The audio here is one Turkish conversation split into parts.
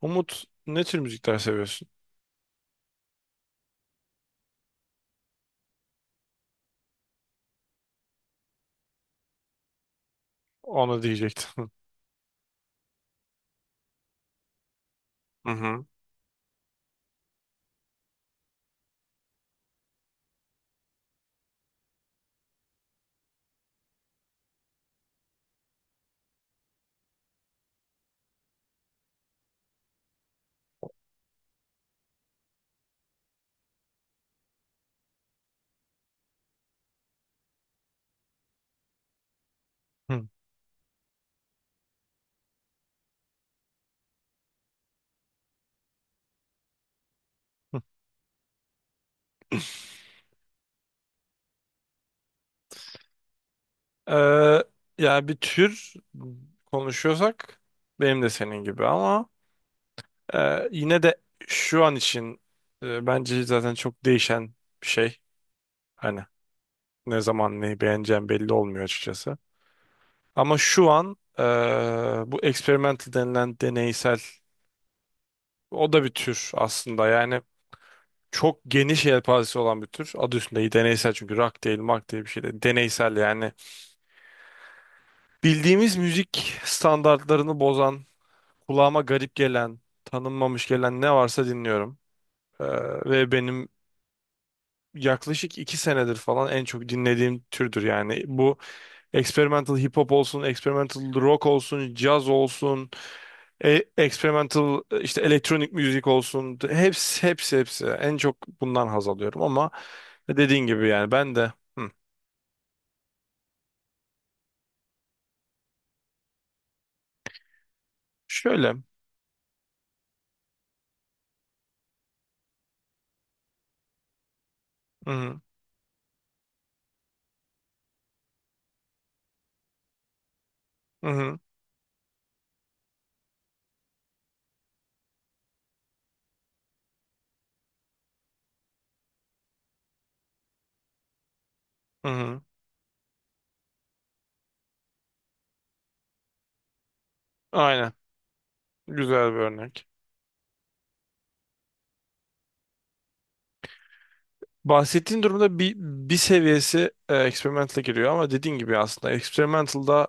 Umut, ne tür müzikler seviyorsun? Onu diyecektim. Hı hı. Hı. Ee, Yani bir tür konuşuyorsak benim de senin gibi ama yine de şu an için bence zaten çok değişen bir şey. Hani ne zaman neyi beğeneceğim belli olmuyor açıkçası. Ama şu an bu experimental denilen deneysel o da bir tür aslında. Yani çok geniş yelpazesi olan bir tür. Adı üstünde deneysel, çünkü rock değil, mark değil, bir şey değil. Deneysel yani. Bildiğimiz müzik standartlarını bozan, kulağıma garip gelen, tanınmamış gelen ne varsa dinliyorum. Ee, ve benim yaklaşık iki senedir falan en çok dinlediğim türdür yani. Bu experimental hip hop olsun, experimental rock olsun, caz olsun, experimental işte elektronik müzik olsun. Hepsi. En çok bundan haz alıyorum ama dediğin gibi yani ben de. Hı. Şöyle. Hı hı, hı hı, hı hı. Aynen. Güzel bir örnek. Bahsettiğin durumda bir seviyesi experimental'a giriyor ama dediğin gibi aslında experimental'da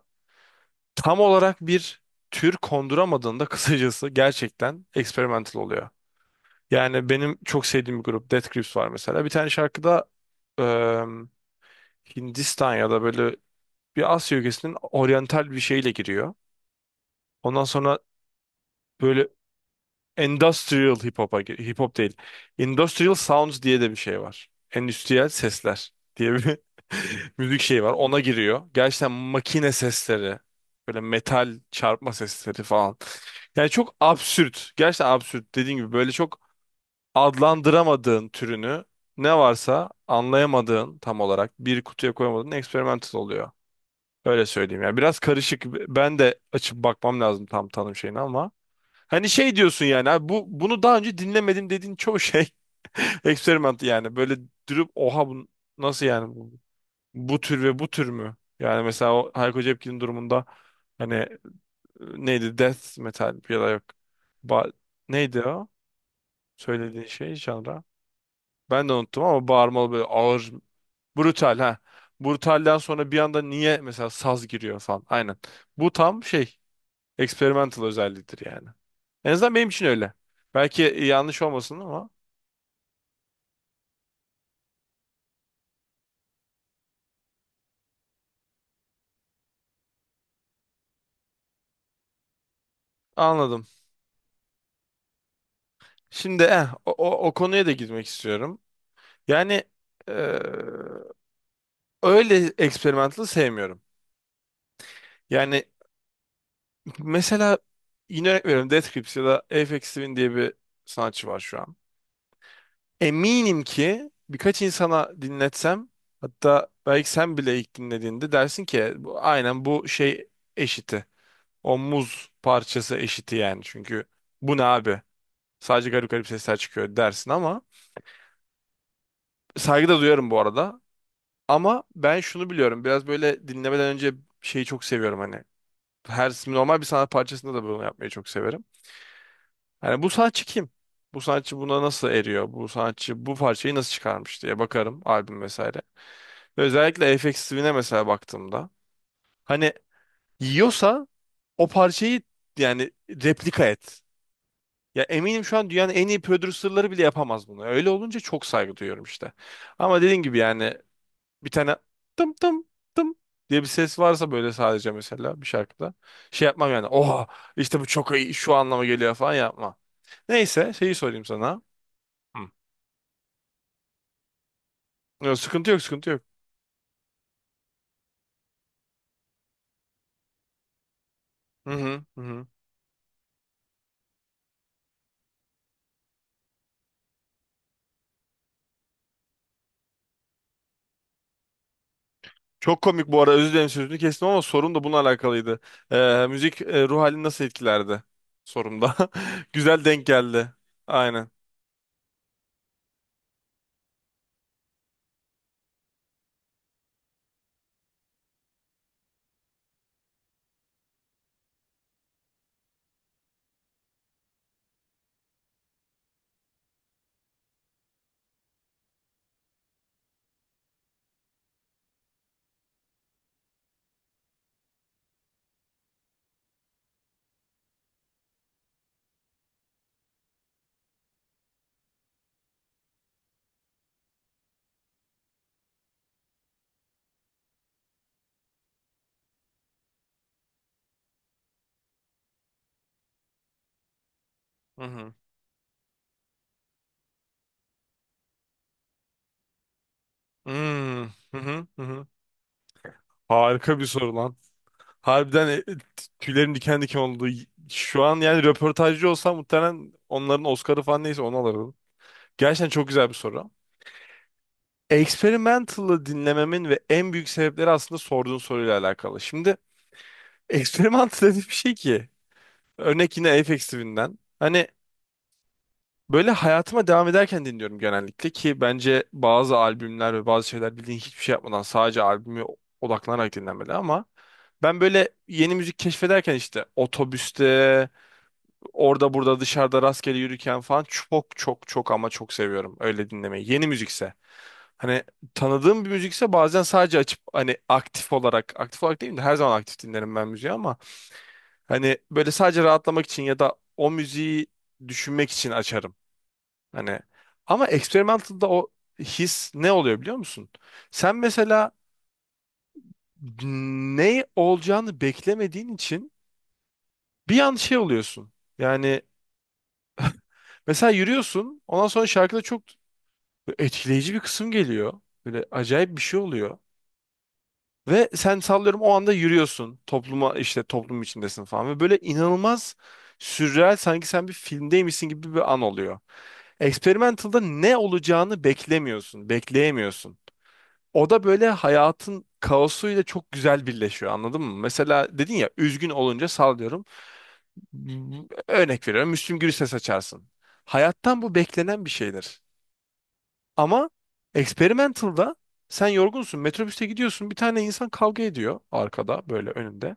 tam olarak bir tür konduramadığında kısacası gerçekten experimental oluyor. Yani benim çok sevdiğim bir grup Death Grips var mesela. Bir tane şarkıda e, Hindistan ya da böyle bir Asya ülkesinin oryantal bir şeyle giriyor. Ondan sonra böyle Industrial hip hop değil. Industrial sounds diye de bir şey var. Endüstriyel sesler diye bir müzik şeyi var. Ona giriyor. Gerçekten makine sesleri, böyle metal çarpma sesleri falan. Yani çok absürt. Gerçekten absürt. Dediğim gibi böyle çok adlandıramadığın türünü ne varsa, anlayamadığın, tam olarak bir kutuya koyamadığın experimental oluyor. Öyle söyleyeyim. Yani biraz karışık. Ben de açıp bakmam lazım tam tanım şeyini ama hani şey diyorsun yani, abi bunu daha önce dinlemedim dediğin çoğu şey eksperiment yani. Böyle durup oha, bu nasıl yani, bu tür ve bu tür mü? Yani mesela o Hayko Cepkin'in durumunda hani neydi, death metal ya da yok, ba neydi o söylediğin şey, genre? Ben de unuttum ama bağırmalı böyle, ağır, brutal, ha. Brutalden sonra bir anda niye mesela saz giriyor falan, aynen. Bu tam şey, experimental özelliğidir yani. En azından benim için öyle. Belki yanlış olmasın ama anladım. Şimdi o konuya da girmek istiyorum. Yani eee, öyle experimental'ı sevmiyorum. Yani mesela yine örnek veriyorum, Death Grips ya da Aphex Twin diye bir sanatçı var şu an. Eminim ki birkaç insana dinletsem, hatta belki sen bile ilk dinlediğinde dersin ki bu, aynen bu şey eşiti. O muz parçası eşiti yani. Çünkü bu ne abi? Sadece garip garip sesler çıkıyor dersin ama saygı da duyarım bu arada. Ama ben şunu biliyorum. Biraz böyle dinlemeden önce şeyi çok seviyorum hani. Her normal bir sanat parçasında da bunu yapmayı çok severim. Hani, bu sanatçı kim? Bu sanatçı buna nasıl eriyor? Bu sanatçı bu parçayı nasıl çıkarmış diye bakarım, albüm vesaire. Ve özellikle Aphex Twin'e mesela baktığımda, hani yiyorsa o parçayı, yani replika et. Ya eminim şu an dünyanın en iyi prodüserleri bile yapamaz bunu. Öyle olunca çok saygı duyuyorum işte. Ama dediğim gibi yani bir tane tım tım tım diye bir ses varsa böyle sadece mesela bir şarkıda şey yapmam yani. Oha, işte bu çok iyi, şu anlama geliyor falan yapma. Neyse, şeyi sorayım sana. Hı. Yok, sıkıntı yok, Hı hı, Çok komik bu arada, özür dilerim sözünü kestim ama sorum da bununla alakalıydı. Müzik ruh halini nasıl etkilerdi? Sorumda. Güzel denk geldi. Aynen. Hı hı. Hmm, hı hı. Harika bir soru lan. Harbiden tüylerim diken diken oldu. Şu an yani röportajcı olsam muhtemelen onların Oscar'ı falan, neyse onu alırdım. Gerçekten çok güzel bir soru. Experimental'ı dinlememin ve en büyük sebepleri aslında sorduğun soruyla alakalı. Şimdi experimental dediğim bir şey ki, örnek yine Aphex Twin'den. Hani böyle hayatıma devam ederken dinliyorum genellikle, ki bence bazı albümler ve bazı şeyler, bildiğin hiçbir şey yapmadan sadece albümü odaklanarak dinlenmeli ama ben böyle yeni müzik keşfederken işte otobüste, orada burada dışarıda rastgele yürürken falan çok ama çok seviyorum öyle dinlemeyi. Yeni müzikse. Hani tanıdığım bir müzikse bazen sadece açıp hani aktif olarak, değil de her zaman aktif dinlerim ben müziği ama hani böyle sadece rahatlamak için ya da o müziği düşünmek için açarım. Hani ama experimental'da o his ne oluyor biliyor musun? Sen mesela ne olacağını beklemediğin için bir an şey oluyorsun. Yani mesela yürüyorsun, ondan sonra şarkıda çok etkileyici bir kısım geliyor. Böyle acayip bir şey oluyor. Ve sen, sallıyorum, o anda yürüyorsun. Topluma, işte toplum içindesin falan. Ve böyle inanılmaz sürreal, sanki sen bir filmdeymişsin gibi bir an oluyor. Experimental'da ne olacağını beklemiyorsun, bekleyemiyorsun. O da böyle hayatın kaosuyla çok güzel birleşiyor, anladın mı? Mesela dedin ya, üzgün olunca sallıyorum. Örnek veriyorum, Müslüm Gürses açarsın. Hayattan bu beklenen bir şeydir. Ama experimental'da sen yorgunsun. Metrobüste gidiyorsun. Bir tane insan kavga ediyor arkada, böyle önünde.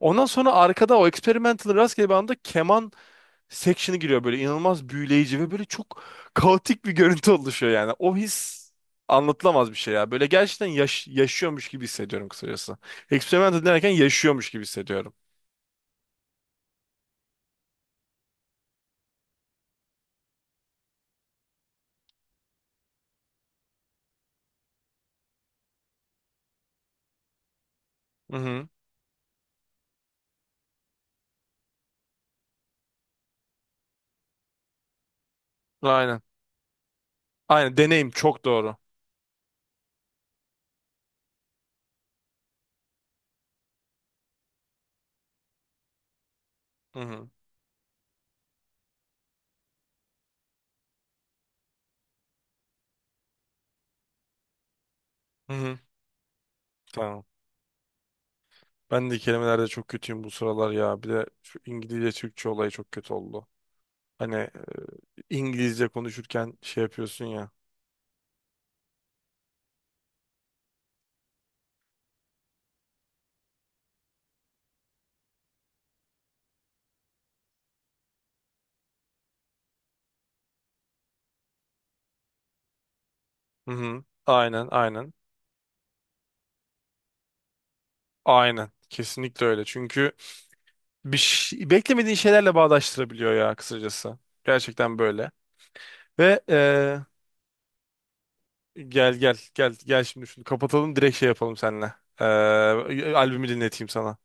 Ondan sonra arkada o experimental rastgele bir anda keman section'ı giriyor, böyle inanılmaz büyüleyici ve böyle çok kaotik bir görüntü oluşuyor yani. O his anlatılamaz bir şey ya. Böyle gerçekten yaşıyormuş gibi hissediyorum kısacası. Experimental derken yaşıyormuş gibi hissediyorum. Hı hı. Aynen. Aynen, deneyim çok doğru. Hı hı. Hı hı. Tamam. Ben de kelimelerde çok kötüyüm bu sıralar ya. Bir de şu İngilizce Türkçe olayı çok kötü oldu. Hani İngilizce konuşurken şey yapıyorsun ya. Hı hı. Aynen. Aynen. Kesinlikle öyle. Çünkü beklemediğin şeylerle bağdaştırabiliyor ya kısacası. Gerçekten böyle. Ve gel, şimdi şunu kapatalım, direkt şey yapalım seninle. E, albümü dinleteyim sana.